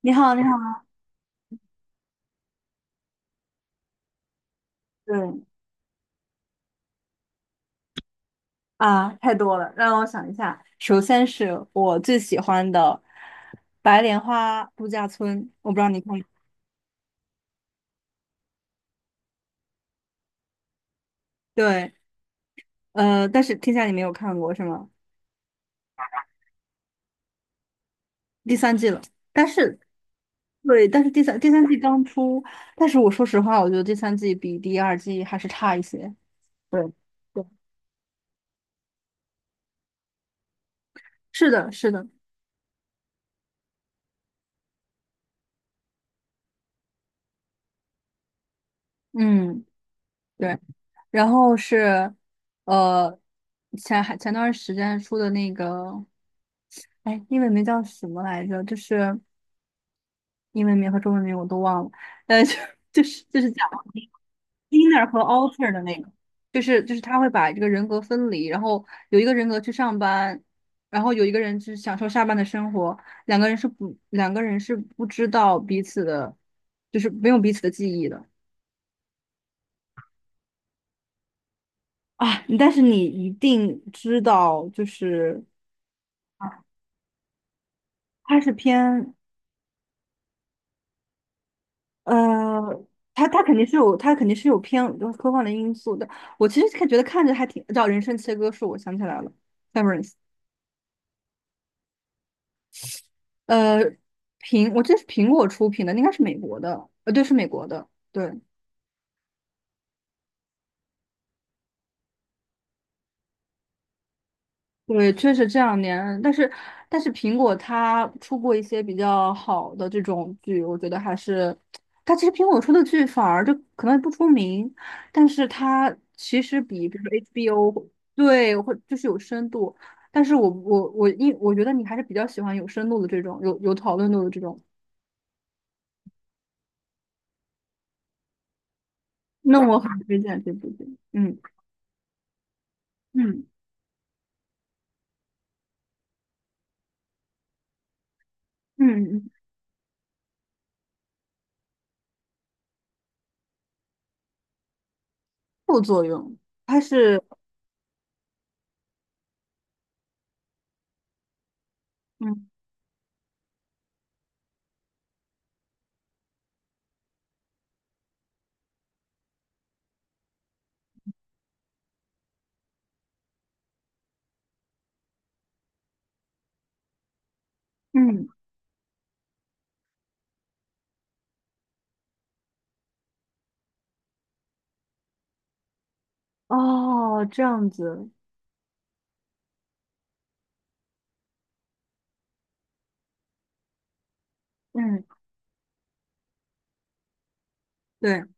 你好，你好，对啊，太多了，让我想一下。首先是我最喜欢的《白莲花度假村》，我不知道你看过。对，但是天下你没有看过是吗？第三季了，但是对，但是第三季刚出，但是我说实话，我觉得第三季比第二季还是差一些。对，对，是的，是的，嗯，对。然后是，呃，前段时间出的那个。哎，英文名叫什么来着？就是英文名和中文名我都忘了。呃，就 就是讲 inner 和 outer 的那个，就是他会把这个人格分离，然后有一个人格去上班，然后有一个人去享受下班的生活，两个人是不知道彼此的，就是没有彼此的记忆的啊。但是你一定知道，就是它是偏。呃，他肯定是有，他肯定是有偏就是科幻的因素的。我其实觉得看着还挺，叫《人生切割术》，我想起来了，Severance。呃，我这是苹果出品的，应该是美国的，对，是美国的，对。对，确实这两年，但是苹果它出过一些比较好的这种剧，我觉得还是，它其实苹果出的剧反而就可能不出名，但是它其实比如说 HBO， 对，或就是有深度，但是我觉得你还是比较喜欢有深度的这种，有讨论度的这种，那我很推荐这部剧。嗯嗯嗯，副作用，它是嗯嗯哦，这样子。嗯，对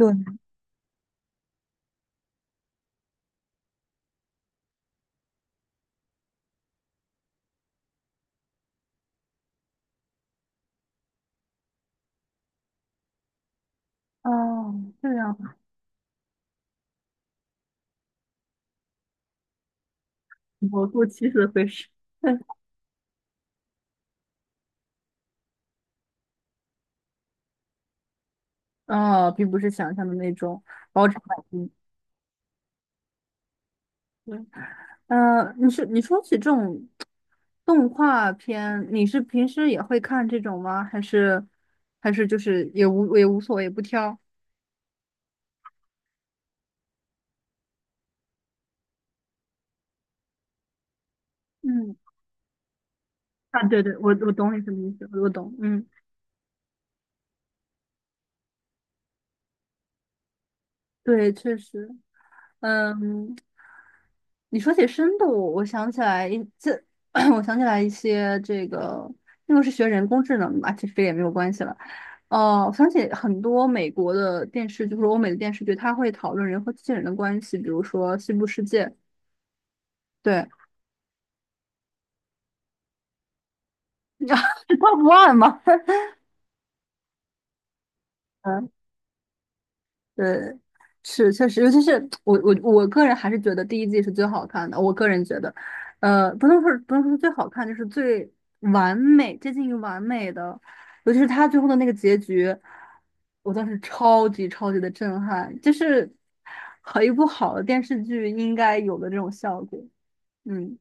对。哦，这样啊，我过期的会是，啊，并不是想象的那种包场满意。对，你说起这种动画片，你是平时也会看这种吗？还是就是也无所谓，不挑？嗯，啊，对对，我懂你什么意思，我懂，嗯，对，确实，嗯，你说起深度，我想起来一这，我想起来一些这个，那个是学人工智能的嘛，其实这也没有关系了。哦，我想起很多美国的电视，就是欧美的电视剧，它会讨论人和机器人的关系，比如说《西部世界》，对，你知道 Top One 吗？对，是确实，尤其是我个人还是觉得第一季是最好看的。我个人觉得，不能说是最好看，就是最完美，接近于完美的。尤其是他最后的那个结局，我当时超级超级的震撼，就是和一部好的电视剧应该有的这种效果。嗯，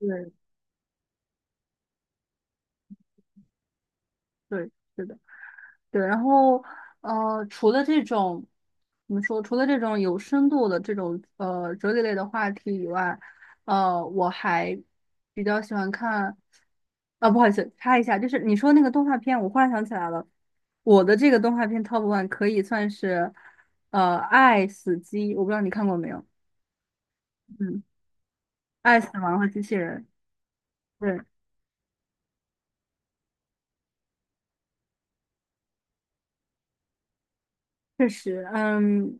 对对，是的。对，然后除了这种怎么说，除了这种有深度的这种哲理类的话题以外，我还比较喜欢看。啊，不好意思，插一下，就是你说那个动画片，我忽然想起来了，我的这个动画片 Top One 可以算是《爱死机》，我不知道你看过没有？嗯，《爱死亡和机器人》。对。确实，嗯，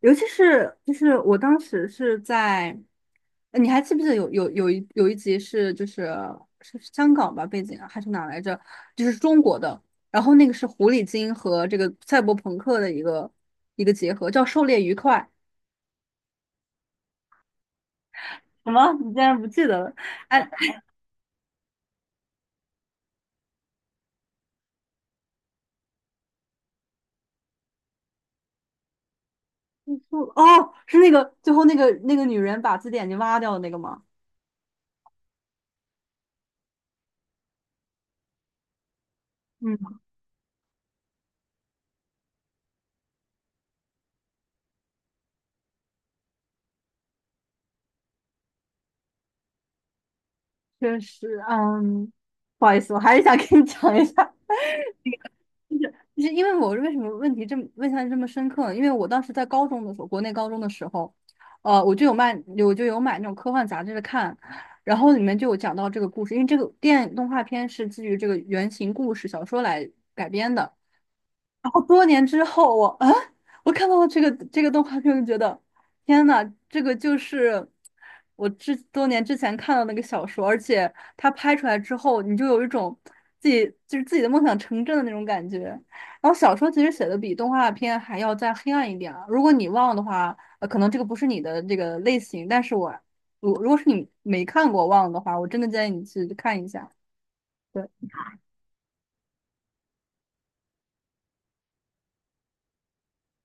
尤其是就是我当时是在，你还记不记得有一集是香港吧背景啊还是哪来着？就是中国的，然后那个是狐狸精和这个赛博朋克的一个结合，叫《狩猎愉快》。什么？你竟然不记得了？哎，不，哦，是那个最后那个女人把自己眼睛挖掉的那个吗？嗯，确实，嗯，不好意思，我还是想跟你讲一下。就是因为我为什么问题这么问下来这么深刻呢？因为我当时在高中的时候，国内高中的时候，我就有买那种科幻杂志看，然后里面就有讲到这个故事，因为这个电影动画片是基于这个原型故事小说来改编的。然后多年之后我看到了这个动画片，我就觉得天呐，这个就是多年之前看到那个小说，而且它拍出来之后，你就有一种自己的梦想成真的那种感觉。然后小说其实写的比动画片还要再黑暗一点啊，如果你忘的话，可能这个不是你的这个类型，但是我如果是你没看过忘的话，我真的建议你去看一下。对。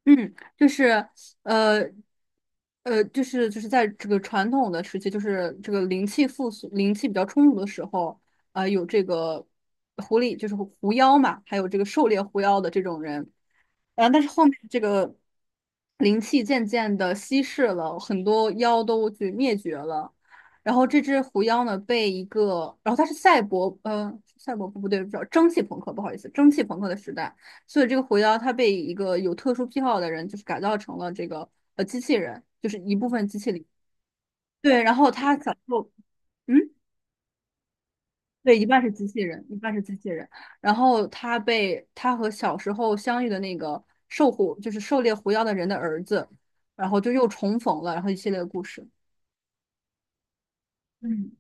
嗯，就是呃就是在这个传统的时期，就是这个灵气复苏、灵气比较充足的时候，啊，有这个狐狸，就是狐妖嘛，还有这个狩猎狐妖的这种人，啊，但是后面这个灵气渐渐的稀释了，很多妖都去灭绝了，然后这只狐妖呢，被一个，然后它是赛博，赛博不对，不知道蒸汽朋克，不好意思，蒸汽朋克的时代。所以这个狐妖它被一个有特殊癖好的人，就是改造成了这个机器人，就是一部分机器里。对，然后他小时候，嗯，对，一半是机器人，一半是机器人。然后他被他和小时候相遇的那个狩狐，就是狩猎狐妖的人的儿子，然后就又重逢了，然后一系列的故事。嗯，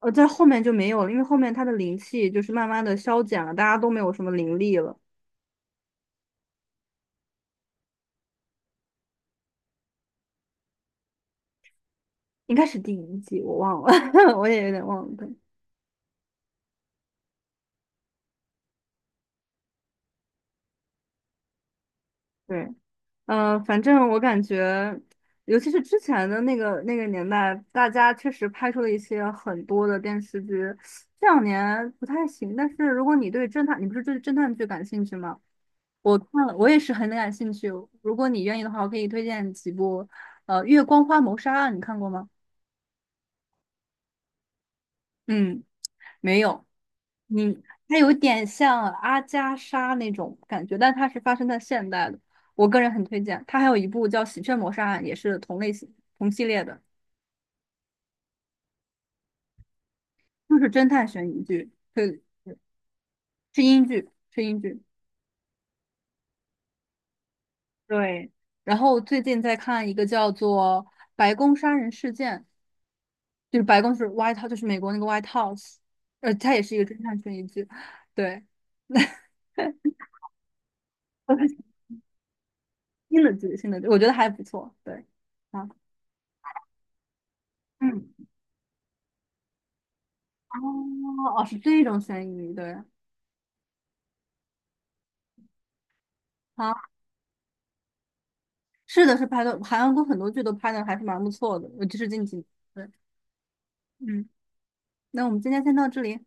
在后面就没有了，因为后面他的灵气就是慢慢的消减了，大家都没有什么灵力了。应该是第一季，我忘了，我也有点忘了。对对，反正我感觉，尤其是之前的那个年代，大家确实拍出了一些很多的电视剧，这两年不太行。但是如果你对侦探，你不是对侦探剧感兴趣吗？我看了，我也是很感兴趣。如果你愿意的话，我可以推荐几部。《月光花谋杀案》你看过吗？嗯，没有。你它有点像阿加莎那种感觉，但它是发生在现代的。我个人很推荐。它还有一部叫《喜鹊谋杀案》，也是同类型、同系列的。就是侦探悬疑剧，是是英剧，是英剧。对，然后最近在看一个叫做《白宫杀人事件》，就是白宫是外套，就是美国那个 White House，它也是一个侦探悬疑剧。对，新的剧，新的剧，我觉得还不错，对，啊，嗯，哦，哦，是这种悬疑，对，好，是的，是拍的，韩国很多剧都拍的还是蛮不错的，尤其是近几年对，嗯，那我们今天先到这里。